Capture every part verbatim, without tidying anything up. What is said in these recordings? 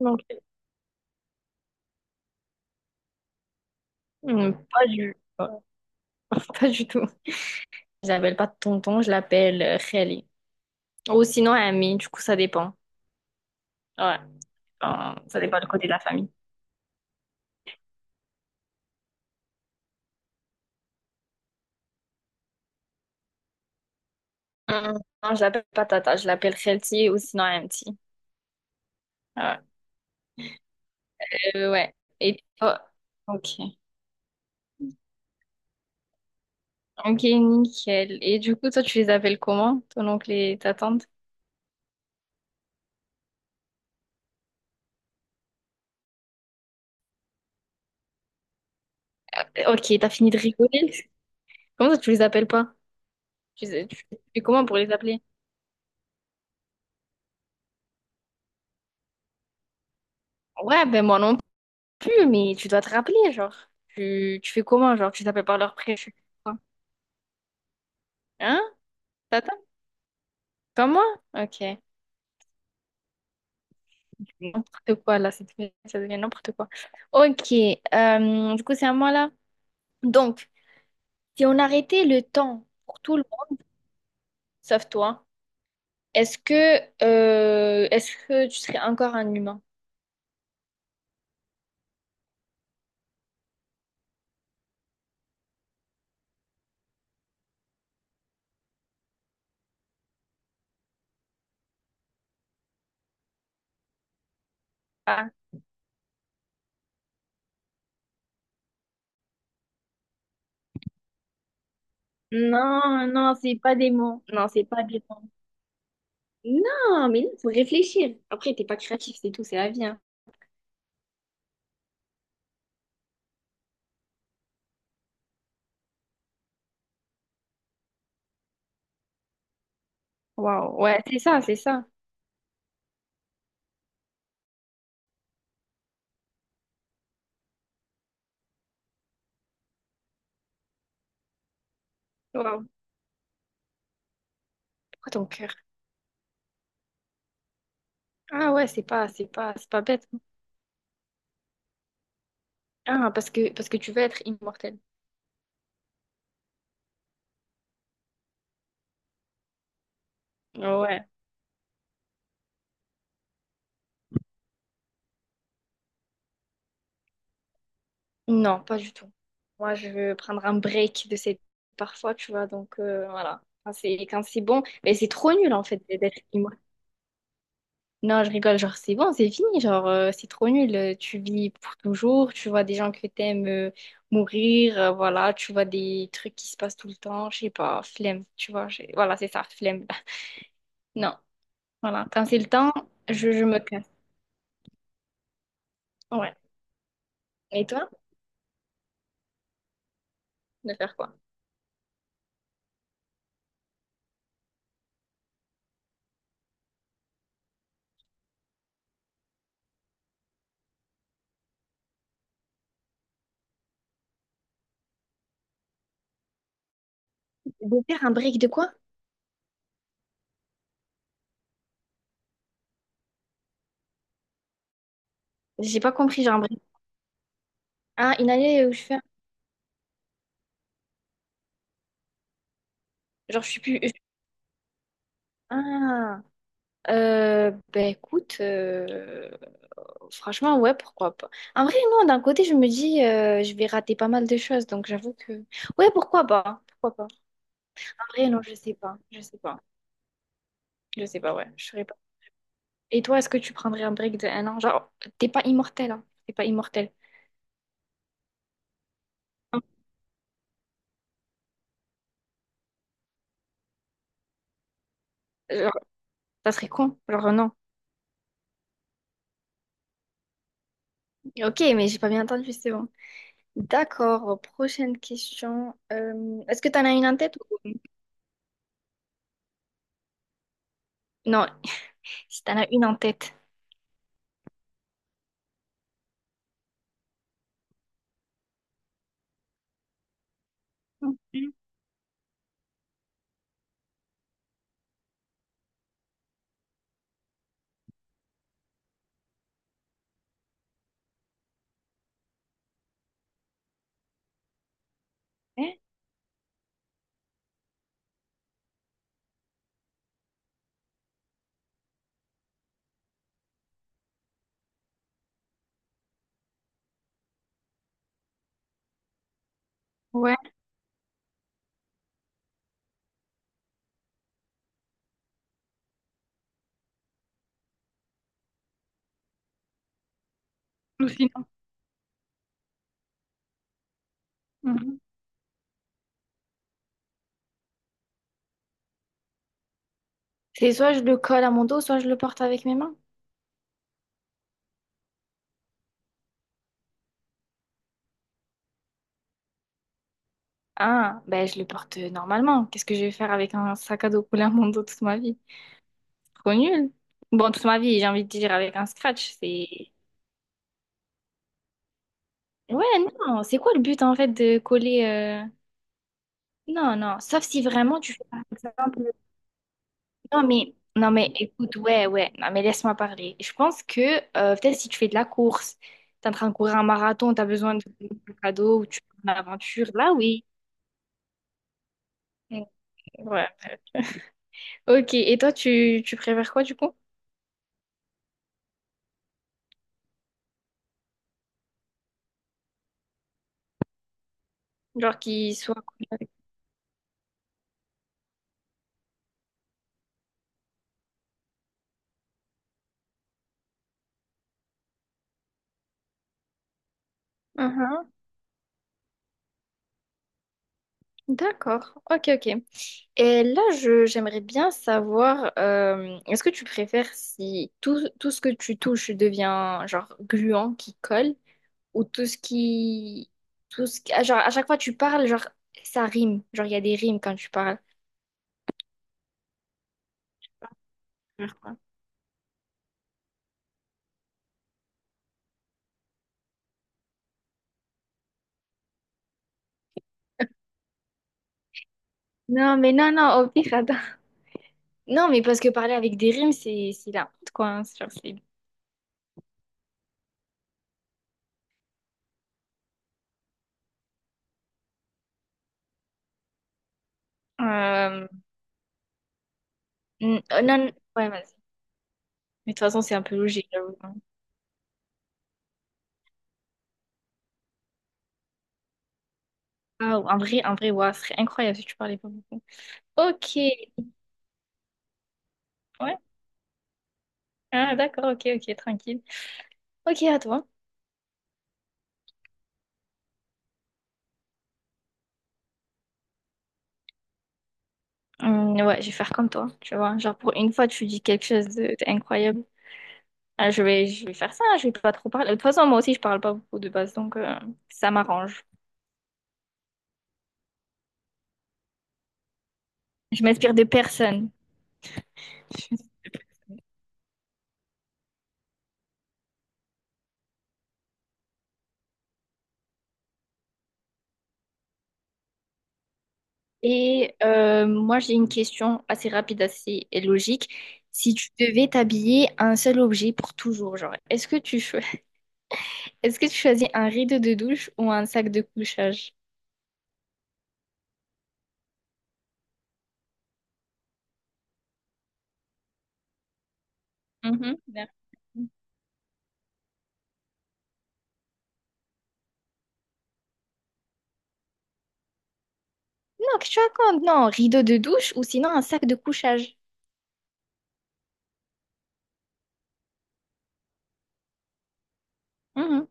Donc, hmm, pas du, pas pas du tout. Je l'appelle pas tonton, je l'appelle euh, Khali. Ou sinon ami, du coup, ça dépend. Ouais, enfin, ça dépend du côté de la famille. Hum, Non, je l'appelle pas tata, je l'appelle Khelti ou sinon amti. Ouais. Euh, ouais. Et toi? Ok. Ok, nickel. Et du coup, toi, tu les appelles comment, ton oncle et ta tante? Euh, Ok, t'as fini de rigoler? Comment ça, tu les appelles pas? Tu, sais- tu fais comment pour les appeler? Ouais, ben moi non plus, mais tu dois te rappeler, genre. Tu, tu fais comment, genre, tu t'appelles par leur prénom? Hein? T'attends? Comme moi? Ok. N'importe quoi, là, ça devient, ça devient n'importe quoi. Ok, euh, du coup, c'est à moi, là. Donc, si on arrêtait le temps pour tout le monde, sauf toi, est-ce que, euh, est-ce que tu serais encore un humain? Ah. Non, non, c'est pas des mots. Non, c'est pas des mots. Non, mais il faut réfléchir. Après, t'es pas créatif, c'est tout, c'est la vie, hein. Waouh, ouais, c'est ça, c'est ça. Waouh. Pourquoi ton cœur? Ah ouais, c'est pas, c'est pas, c'est pas bête. Ah, parce que, parce que tu veux être immortel. Ouais. Non, pas du tout. Moi, je veux prendre un break de cette parfois, tu vois. Donc, euh, voilà. Quand c'est, quand c'est bon, mais c'est trop nul, en fait, d'être immortel. Non, je rigole. Genre, c'est bon, c'est fini. Genre, euh, c'est trop nul. Euh, Tu vis pour toujours. Tu vois des gens que t'aimes euh, mourir, euh, voilà. Tu vois des trucs qui se passent tout le temps. Je sais pas, flemme. Tu vois, j'ai- voilà, c'est ça, flemme. Non. Voilà. Quand c'est le temps, je, je me casse. Ouais. Et toi, de faire quoi? De faire un break de quoi? J'ai pas compris, genre un break. Ah, une année où je fais. Genre, je suis plus. Je- Ah, euh, ben écoute, euh, franchement, ouais, pourquoi pas. En vrai, non, d'un côté, je me dis, euh, je vais rater pas mal de choses, donc j'avoue que. Ouais, pourquoi pas? Pourquoi pas? En vrai, non, je sais pas. Je sais pas. Je sais pas, ouais, je saurais pas. Et toi, est-ce que tu prendrais un break de un an? Genre, t'es pas immortel, hein? T'es pas immortel. Genre, ça serait con. Genre, non. Ok, mais j'ai pas bien entendu, c'est bon. D'accord, prochaine question. Euh, est-ce que tu en as une en tête ou... Non, si tu en as une en tête. Mhm. Hein. Ouais, ou sinon. Mhm. C'est soit je le colle à mon dos, soit je le porte avec mes mains. Ah, ben je le porte normalement. Qu'est-ce que je vais faire avec un sac à dos collé à mon dos toute ma vie? Trop nul. Bon, toute ma vie, j'ai envie de dire avec un scratch, c'est... Ouais, non, c'est quoi le but en fait de coller... euh, Non, non, sauf si vraiment tu fais par exemple... Non mais, non mais écoute, ouais, ouais, non mais laisse-moi parler. Je pense que euh, peut-être si tu fais de la course, t'es en train de courir un marathon, t'as besoin de un cadeau ou tu fais une aventure, là oui. Mm, ouais. Ok, et toi tu, tu préfères quoi du coup? Genre qu'il soit... Mhm. D'accord, ok, ok. Et là, je, j'aimerais bien savoir, euh, est-ce que tu préfères si tout, tout ce que tu touches devient genre gluant qui colle ou tout ce qui... Tout ce qui... ah, genre, à chaque fois tu parles, genre, ça rime. Genre, il y a des rimes quand tu parles. Faire quoi? Non, mais non, non, au pire, attends. Non, mais parce que parler avec des rimes, c'est c'est la honte, quoi, hein. C'est genre, c'est... Euh, n- euh, non, non, ouais, vas-y. Mais de toute façon, c'est un peu logique, j'avoue, hein. Ah, ou un vrai, un vrai, ouah, ce serait incroyable si tu parlais pas beaucoup. Ok, ouais. Ah, d'accord, ok, ok, tranquille. Ok, à toi. Hum, ouais, je vais faire comme toi, tu vois. Genre, pour une fois, tu dis quelque chose de- d'incroyable. Ah, je vais, je vais faire ça, je vais pas trop parler. De toute façon, moi aussi, je parle pas beaucoup de base, donc euh, ça m'arrange. Je m'inspire de personne. Et euh, moi, j'ai une question assez rapide, assez logique. Si tu devais t'habiller un seul objet pour toujours, genre, est-ce que tu cho- est-ce que tu choisis un rideau de douche ou un sac de couchage? Mhm, merci. Non, qu'est-ce que tu racontes? Non, rideau de douche ou sinon un sac de couchage. Mhm.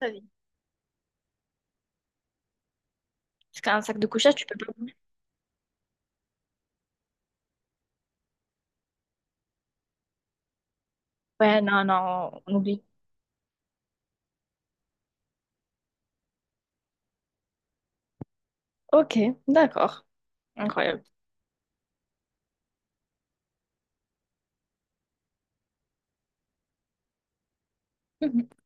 Vas-y. Parce qu'un sac de couchage, tu peux pas bouger. Ouais, non, non, on oublie. Ok, d'accord. Incroyable.